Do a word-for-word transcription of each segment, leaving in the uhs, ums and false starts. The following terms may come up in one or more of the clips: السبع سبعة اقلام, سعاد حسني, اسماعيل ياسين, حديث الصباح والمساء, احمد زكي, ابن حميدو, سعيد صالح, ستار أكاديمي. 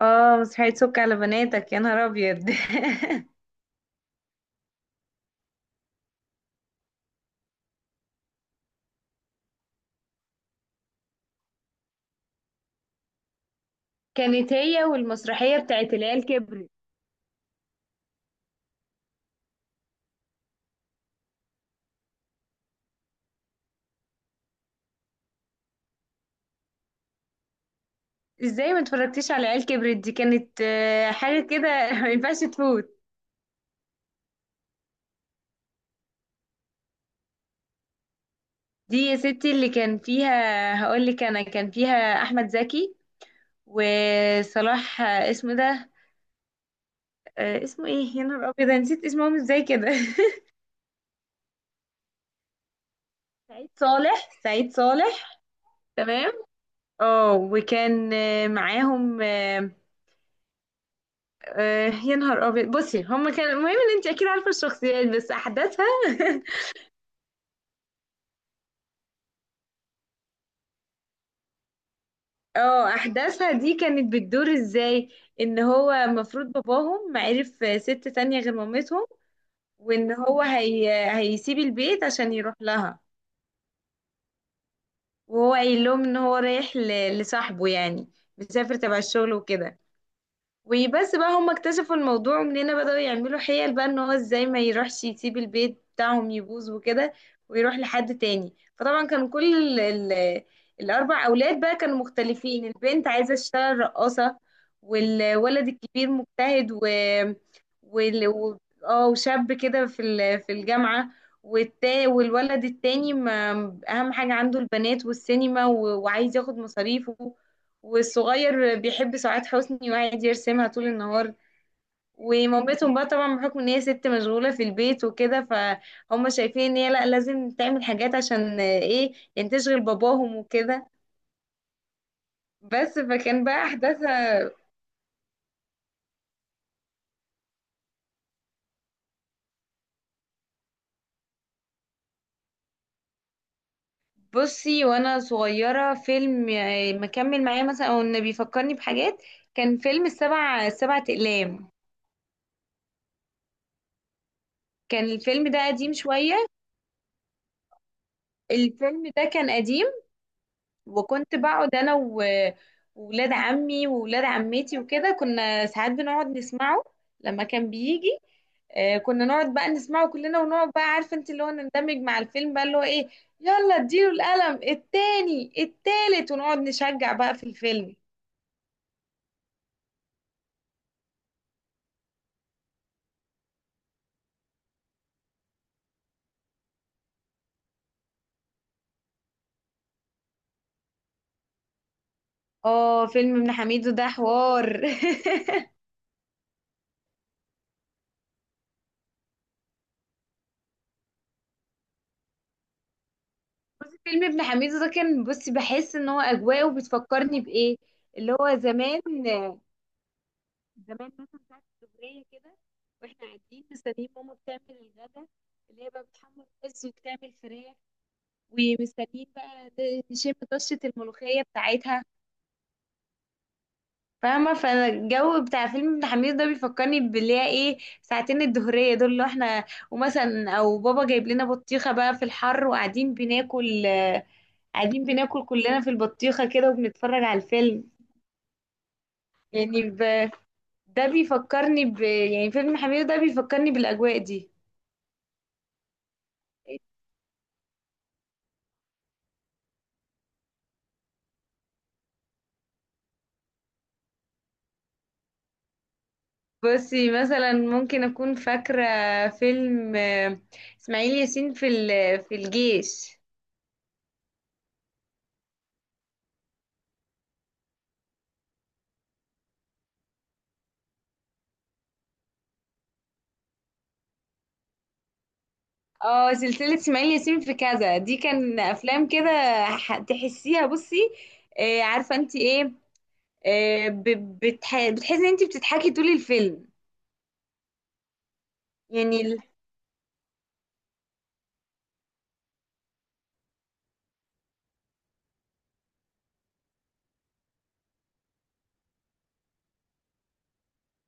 اه، مسرحية سك على بناتك، يا نهار ابيض. كانت هي والمسرحية بتاعت العيال كبرت. ازاي ما اتفرجتيش على العيال كبرت دي؟ كانت آه، حاجة كده. ما ينفعش تفوت. دي يا ستي اللي كان فيها، هقول لك، انا كان فيها احمد زكي وصلاح، آه، اسمه ده، آه، اسمه ايه يا نهار ابيض، أنا نسيت اسمهم ازاي كده. سعيد صالح، سعيد صالح. تمام. اه، وكان آه، معاهم، آه، آه، يا نهار ابيض. بصي، هما كان المهم ان انت اكيد عارفه الشخصيات بس احداثها. اه، احداثها دي كانت بتدور ازاي؟ ان هو المفروض باباهم عرف ست تانية غير مامتهم، وان هو هي... هيسيب البيت عشان يروح لها. وهو قايل لهم ان هو رايح ل... لصاحبه يعني، مسافر تبع الشغل وكده. وبس بقى، هم اكتشفوا الموضوع منين، بدأوا يعملوا حيل بقى، ان هو ازاي ما يروحش، يسيب البيت بتاعهم يبوظ وكده ويروح لحد تاني. فطبعا كان كل ال ال الاربع اولاد بقى كانوا مختلفين. البنت عايزة تشتغل رقاصة، والولد الكبير مجتهد و وال- و- اه وشاب كده في ال- في الجامعة. والتا والولد التاني، ما، اهم حاجة عنده البنات والسينما، و- وعايز ياخد مصاريفه. والصغير بيحب سعاد حسني وقاعد يرسمها طول النهار. ومامتهم بقى طبعا، بحكم ان هي ست مشغولة في البيت وكده، فهم شايفين ان هي لا، لازم تعمل حاجات عشان ايه يعني، تشغل باباهم وكده. بس، فكان بقى احداثها. بصي، وانا صغيرة فيلم آه، مكمل معايا مثلا، او ان بيفكرني بحاجات، كان فيلم السبع سبعة اقلام. كان الفيلم ده قديم شوية، الفيلم ده كان قديم. وكنت بقعد انا و- وولاد عمي وولاد عمتي وكده، كنا ساعات بنقعد نسمعه. لما كان بيجي، آه، كنا نقعد بقى نسمعه كلنا، ونقعد بقى عارفه انت، اللي هو نندمج مع الفيلم بقى، اللي هو ايه، يلا اديله القلم التاني التالت، ونقعد نشجع بقى في الفيلم. اه، فيلم ابن حميدو ده حوار. بصي، فيلم ابن حميدو ده كان، بصي بحس ان هو اجواءه بتفكرني بايه، اللي هو زمان، زمان مثلا ساعة الظهرية كده، واحنا قاعدين مستنيين ماما بتعمل الغدا، اللي هي بقى بتحمر رز وبتعمل فراخ، ومستنيين بقى ت- نشم طشة الملوخية بتاعتها، فاهمة. فانا الجو بتاع فيلم ابن حميد ده بيفكرني باللي هي ايه، ساعتين الظهرية دول اللي احنا، ومثلا او بابا جايب لنا بطيخة بقى في الحر، وقاعدين بناكل، آه، قاعدين بناكل كلنا في البطيخة كده وبنتفرج على الفيلم. يعني ب... ده بيفكرني ب... يعني فيلم حميد ده بيفكرني بالأجواء دي. بصي مثلا، ممكن اكون فاكره فيلم آه، اسماعيل ياسين في ال- في الجيش. اه، سلسله اسماعيل ياسين في كذا دي كان افلام كده، ح- تحسيها، بصي آه، عارفه انت ايه، آه، ب- بتح... بتحسي ان انت بتضحكي طول الفيلم. يعني ال...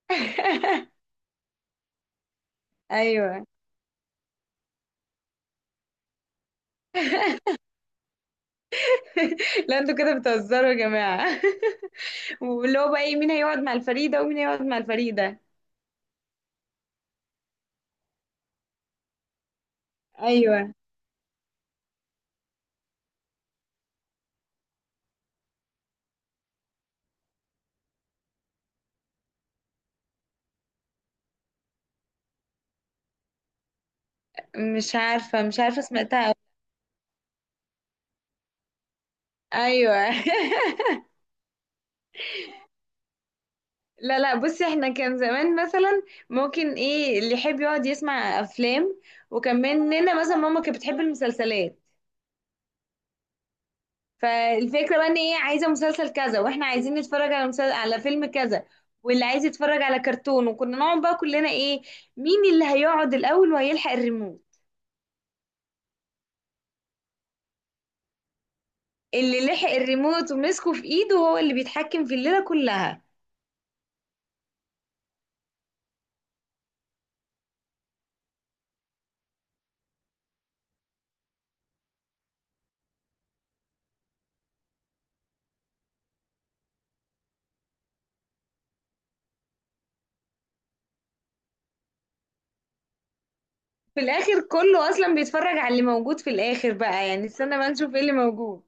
ايوه. لا، انتوا كده بتهزروا يا جماعه. واللي هو بقى ايه، مين هيقعد مع الفريده ومين هيقعد مع الفريده. ايوه، مش عارفه، مش عارفه سمعتها. ايوه. لا لا، بصي، احنا كان زمان مثلا، ممكن ايه اللي يحب يقعد يسمع افلام، وكان مننا مثلا ماما كانت بتحب المسلسلات. فالفكره بقى ان ايه، عايزه مسلسل كذا، واحنا عايزين نتفرج على مسلسل، على فيلم كذا، واللي عايز يتفرج على كرتون. وكنا نقعد بقى كلنا ايه، مين اللي هيقعد الاول وهيلحق الريموت. اللي لحق الريموت ومسكه في ايده هو اللي بيتحكم في الليله كلها. في الاخر كله اصلا بيتفرج على اللي موجود في الاخر بقى، يعني استنى ما نشوف ايه اللي موجود.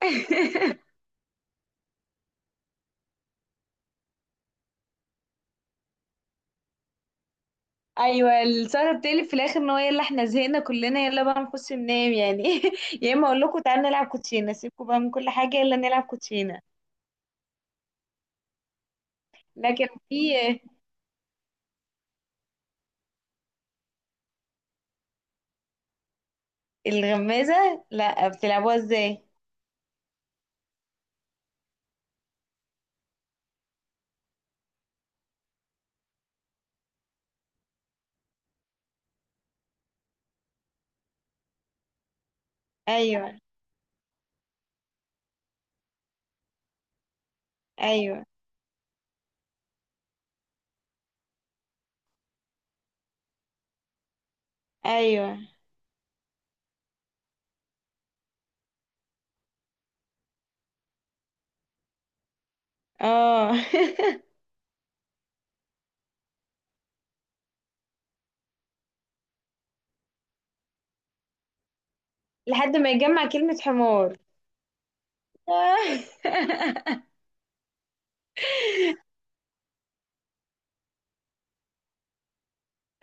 ايوه، السهره بتقلب في الاخر ان هو، يلا احنا زهقنا كلنا، يلا بقى نخش ننام يعني. يا اما اقول لكم تعالوا نلعب كوتشينه، سيبكم بقى من كل حاجه، يلا نلعب كوتشينه. لكن في الغمازه، لا بتلعبوها ازاي؟ ايوه، ايوه، ايوه، اه. لحد ما يجمع كلمه حمار.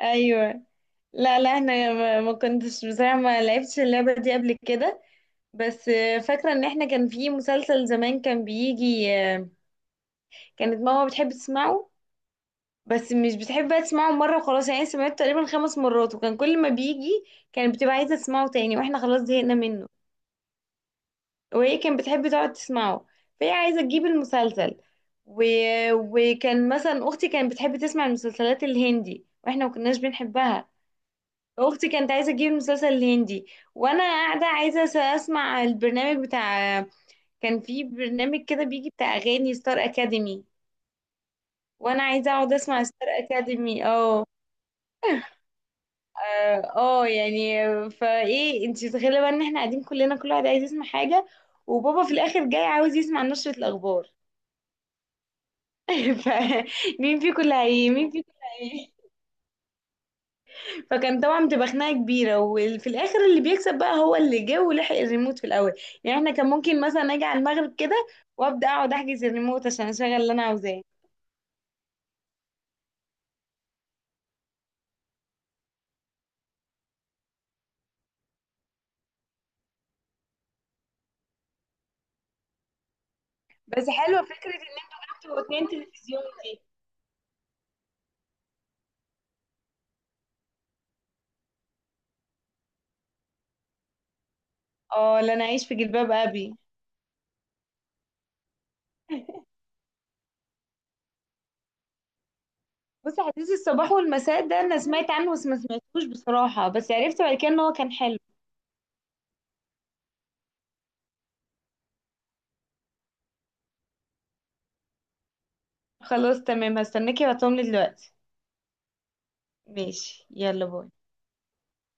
ايوه. لا لا، احنا ما ما كنتش، بصراحه ما لعبتش اللعبه دي قبل كده. بس فاكره ان احنا كان في مسلسل زمان كان بيجي، آه، كانت ماما بتحب تسمعه، بس مش بتحب بقى تسمعه مرة وخلاص يعني، سمعته تقريبا خمس مرات. وكان كل ما بيجي كانت بتبقى عايزة تسمعه تاني، واحنا خلاص زهقنا منه. وهي كانت بتحب تقعد تسمعه، فهي عايزة تجيب المسلسل و... وكان مثلا أختي كانت بتحب تسمع المسلسلات الهندي، واحنا ما كناش بنحبها. أختي كانت عايزة تجيب المسلسل الهندي، وأنا قاعدة عايزة أس- أسمع البرنامج بتاع، كان في برنامج كده بيجي بتاع أغاني ستار أكاديمي، وأنا عايزة أقعد أسمع ستار أكاديمي. اه، اه، آه، يعني فايه انت متخيله بقى ان احنا قاعدين كلنا، كل واحد عايز يسمع حاجه، وبابا في الاخر جاي عاوز يسمع نشره الاخبار. فمين فيكم، اللي هي مين فيكم، اللي هي، فكان طبعا بتبقى خناقه كبيره، وفي الاخر اللي بيكسب بقى هو اللي جه ولحق الريموت في الاول. يعني احنا كان ممكن مثلا اجي على المغرب كده، وابدا اقعد احجز الريموت عشان اشغل اللي انا عاوزاه. بس حلوه فكره ان انتوا جبتوا اتنين تلفزيون دي. اه، لا، انا عايش في جلباب ابي. بصي، حديث الصباح والمساء ده انا سمعت عنه، بس ما سمعتوش بصراحة، بس عرفت بعد كده ان هو كان حلو. خلاص تمام، هستناكي وهتقوملي دلوقتي. ماشي، يلا باي.